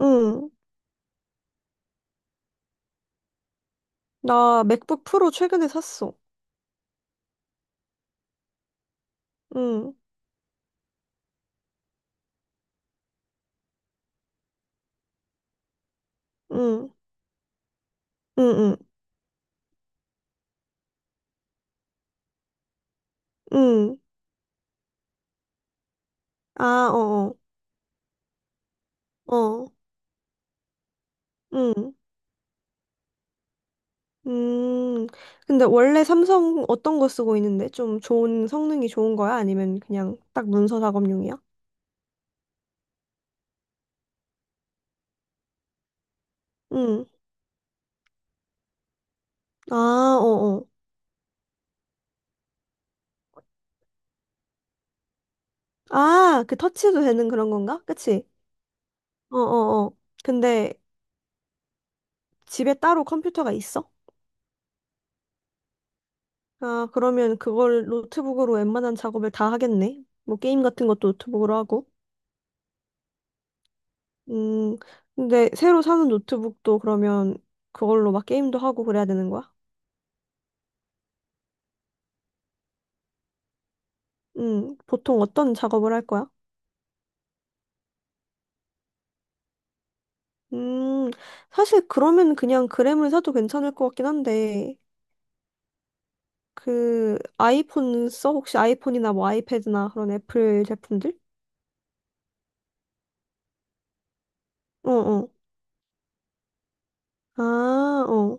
응. 나 맥북 프로 최근에 샀어. 응, 응, 응, 응, 응. 아, 어, 어, 어, 응. 음. 근데 원래 삼성 어떤 거 쓰고 있는데? 좀 좋은 성능이 좋은 거야? 아니면 그냥 딱 문서 작업용이야? 응. 아, 어, 어. 아, 그 터치도 되는 그런 건가? 그치? 어, 어, 어. 근데 집에 따로 컴퓨터가 있어? 아, 그러면 그걸 노트북으로 웬만한 작업을 다 하겠네. 뭐 게임 같은 것도 노트북으로 하고. 음, 근데 새로 사는 노트북도 그러면 그걸로 막 게임도 하고 그래야 되는 거야? 보통 어떤 작업을 할 거야? 음, 사실 그러면 그냥 그램을 사도 괜찮을 것 같긴 한데, 아이폰 써? 혹시 아이폰이나 뭐 아이패드나 그런 애플 제품들? 어, 어. 아, 어.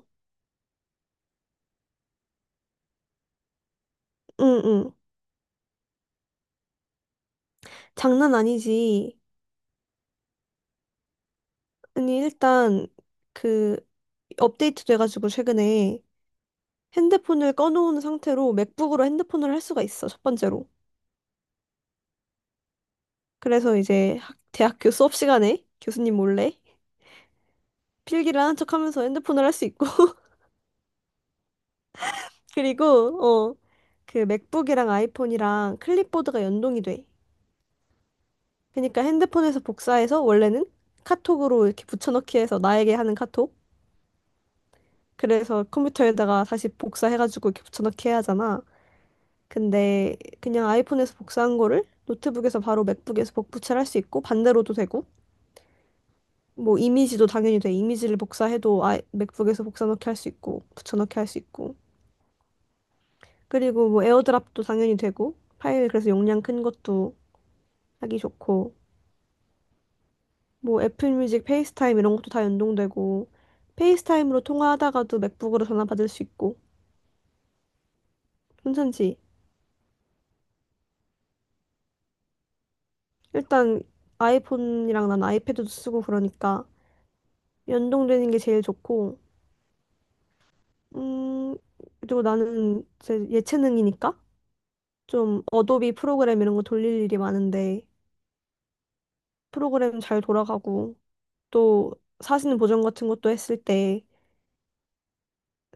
응, 응. 장난 아니지. 아니, 일단, 그, 업데이트 돼가지고 최근에 핸드폰을 꺼놓은 상태로 맥북으로 핸드폰을 할 수가 있어, 첫 번째로. 그래서 이제 대학교 수업 시간에 교수님 몰래 필기를 하는 척하면서 핸드폰을 할 수 있고 그리고 맥북이랑 아이폰이랑 클립보드가 연동이 돼. 그러니까 핸드폰에서 복사해서 원래는 카톡으로 이렇게 붙여넣기 해서 나에게 하는 카톡. 그래서 컴퓨터에다가 다시 복사해가지고 이렇게 붙여넣기 해야 하잖아. 근데 그냥 아이폰에서 복사한 거를 노트북에서 바로 맥북에서 복붙을 할 수 있고 반대로도 되고 뭐 이미지도 당연히 돼. 이미지를 복사해도 아, 맥북에서 복사넣기 할 수 있고 붙여넣기 할 수 있고 그리고 뭐 에어드랍도 당연히 되고 파일 그래서 용량 큰 것도 하기 좋고 뭐 애플뮤직, 페이스타임 이런 것도 다 연동되고 페이스타임으로 통화하다가도 맥북으로 전화 받을 수 있고 괜찮지? 일단 아이폰이랑 난 아이패드도 쓰고 그러니까 연동되는 게 제일 좋고 음 그리고 나는 제 예체능이니까 좀 어도비 프로그램 이런 거 돌릴 일이 많은데 프로그램 잘 돌아가고 또 사진 보정 같은 것도 했을 때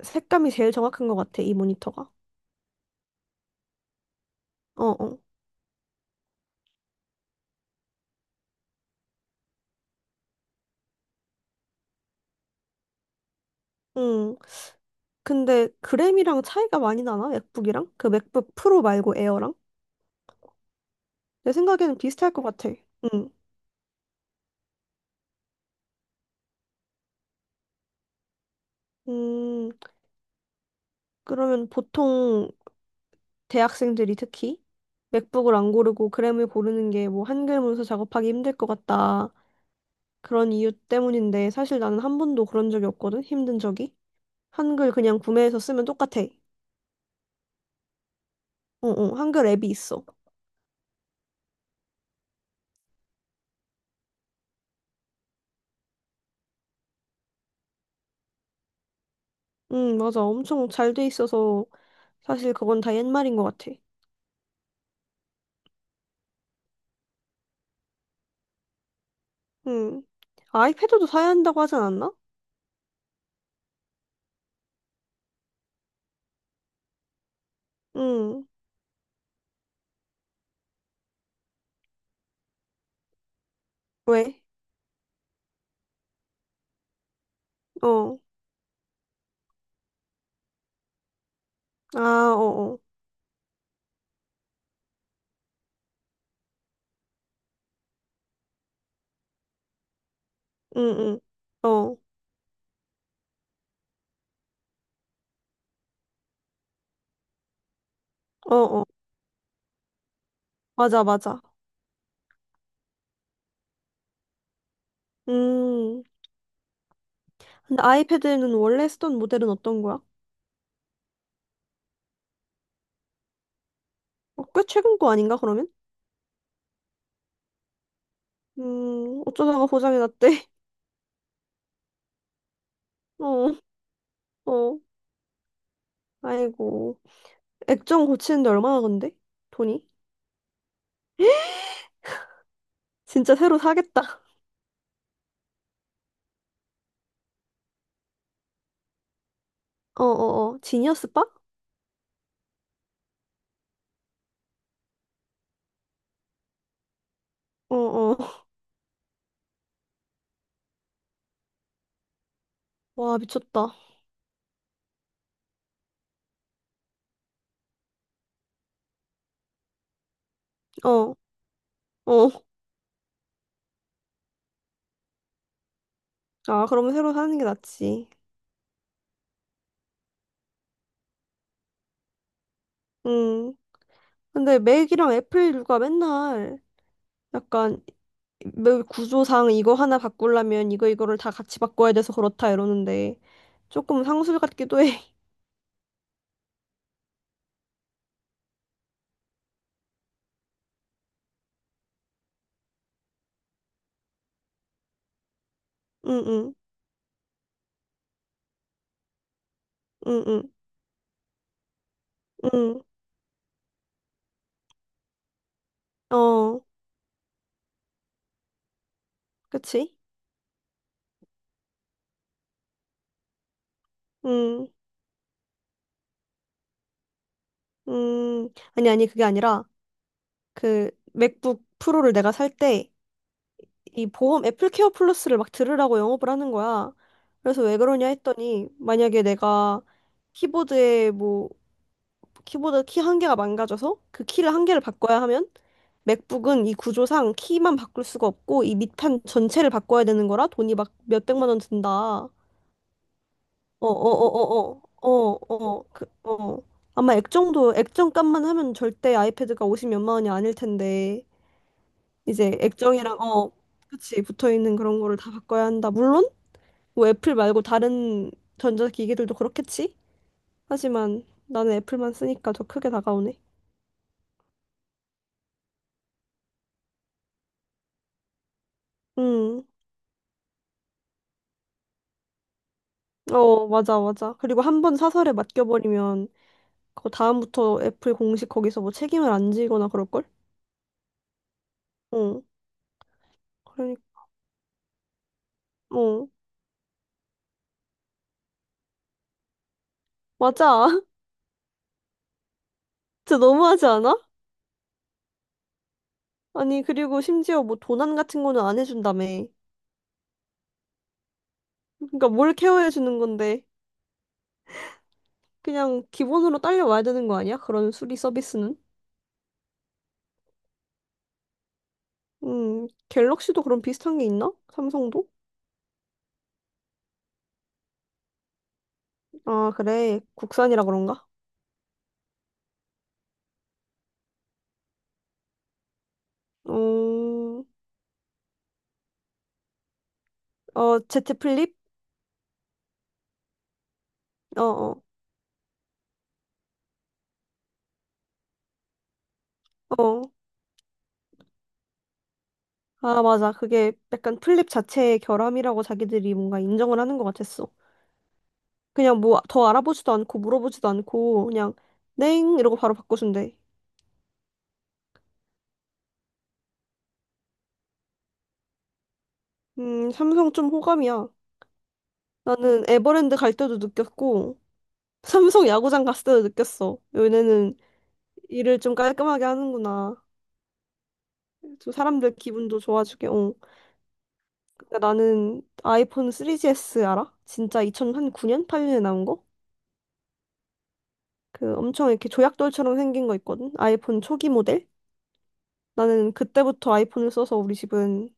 색감이 제일 정확한 것 같아, 이 모니터가. 어, 어. 응. 근데 그램이랑 차이가 많이 나나? 맥북이랑? 그 맥북 프로 말고 에어랑? 내 생각에는 비슷할 것 같아. 응. 음, 그러면 보통 대학생들이 특히 맥북을 안 고르고 그램을 고르는 게 뭐 한글 문서 작업하기 힘들 것 같다. 그런 이유 때문인데 사실 나는 한 번도 그런 적이 없거든, 힘든 적이. 한글 그냥 구매해서 쓰면 똑같아. 어, 어, 한글 앱이 있어. 응, 맞아. 엄청 잘 돼 있어서 사실 그건 다 옛말인 것 같아. 응. 아이패드도 사야 한다고 하지 않았나? 응. 왜? 어. 아, 어, 어. 응, 응. 어, 어, 어. 맞아, 맞아. 음. 근데 아이패드는 원래 쓰던 모델은 어떤 거야? 어, 꽤 최근 거 아닌가, 그러면? 어쩌다가 고장이 났대. 어, 어. 아이고. 액정 고치는데 얼마나 건데? 돈이? 진짜 새로 사겠다. 어어어. 지니어스 바? 어, 어. 와, 미쳤다. 어, 어. 아, 그러면 새로 사는 게 낫지. 음. 근데 맥이랑 애플 누가 맨날 약간 맥 구조상 이거 하나 바꾸려면 이거를 다 같이 바꿔야 돼서 그렇다 이러는데 조금 상술 같기도 해. 응, 응, 응, 응, 응. 어, 그치? 응, 음, 음. 아니, 아니, 그게 아니라 그 맥북 프로를 내가 살때 이 보험 애플케어 플러스를 막 들으라고 영업을 하는 거야. 그래서 왜 그러냐 했더니 만약에 내가 키보드에 뭐 키보드 키 한 개가 망가져서 그 키를 한 개를 바꿔야 하면 맥북은 이 구조상 키만 바꿀 수가 없고 이 밑판 전체를 바꿔야 되는 거라 돈이 막 몇백만 원 든다. 어, 어, 어, 어, 어, 어, 어, 그, 어. 아마 액정도 액정값만 하면 절대 아이패드가 50 몇만 원이 아닐 텐데 이제 액정이랑 어, 그치 붙어 있는 그런 거를 다 바꿔야 한다. 물론 뭐 애플 말고 다른 전자기기들도 그렇겠지? 하지만 나는 애플만 쓰니까 더 크게 다가오네. 음, 어, 맞아, 맞아. 그리고 한 번 사설에 맡겨버리면 그 다음부터 애플 공식 거기서 뭐 책임을 안 지거나 그럴걸? 어, 그러니까, 어, 맞아. 진짜 너무하지 않아? 아니, 그리고 심지어 뭐 도난 같은 거는 안 해준다며. 그러니까 뭘 케어해 주는 건데. 그냥 기본으로 딸려와야 되는 거 아니야? 그런 수리 서비스는? 갤럭시도 그런 비슷한 게 있나? 삼성도? 아, 그래. 국산이라 그런가? 음, 어, 제트 플립? 어, 어, 어. 아, 맞아. 그게 약간 플립 자체의 결함이라고 자기들이 뭔가 인정을 하는 것 같았어. 그냥 뭐 더 알아보지도 않고 물어보지도 않고 그냥 냉 이러고 바로 바꿔준대. 삼성 좀 호감이야. 나는 에버랜드 갈 때도 느꼈고 삼성 야구장 갔을 때도 느꼈어. 얘네는 일을 좀 깔끔하게 하는구나. 좀 사람들 기분도 좋아지게. 어. 근데 나는 아이폰 3GS 알아? 진짜 2009년? 8년에 나온 거? 그 엄청 이렇게 조약돌처럼 생긴 거 있거든? 아이폰 초기 모델? 나는 그때부터 아이폰을 써서 우리 집은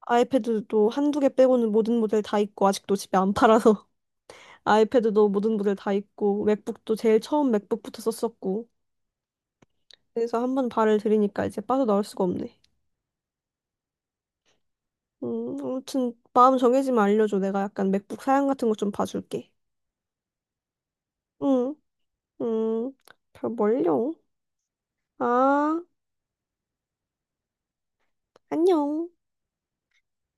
아이패드도 한두 개 빼고는 모든 모델 다 있고 아직도 집에 안 팔아서 아이패드도 모든 모델 다 있고 맥북도 제일 처음 맥북부터 썼었고 그래서 한번 발을 들이니까 이제 빠져나올 수가 없네. 아무튼 마음 정해지면 알려줘. 내가 약간 맥북 사양 같은 거 좀 봐줄게. 응, 응 별 멀려. 아. 안녕.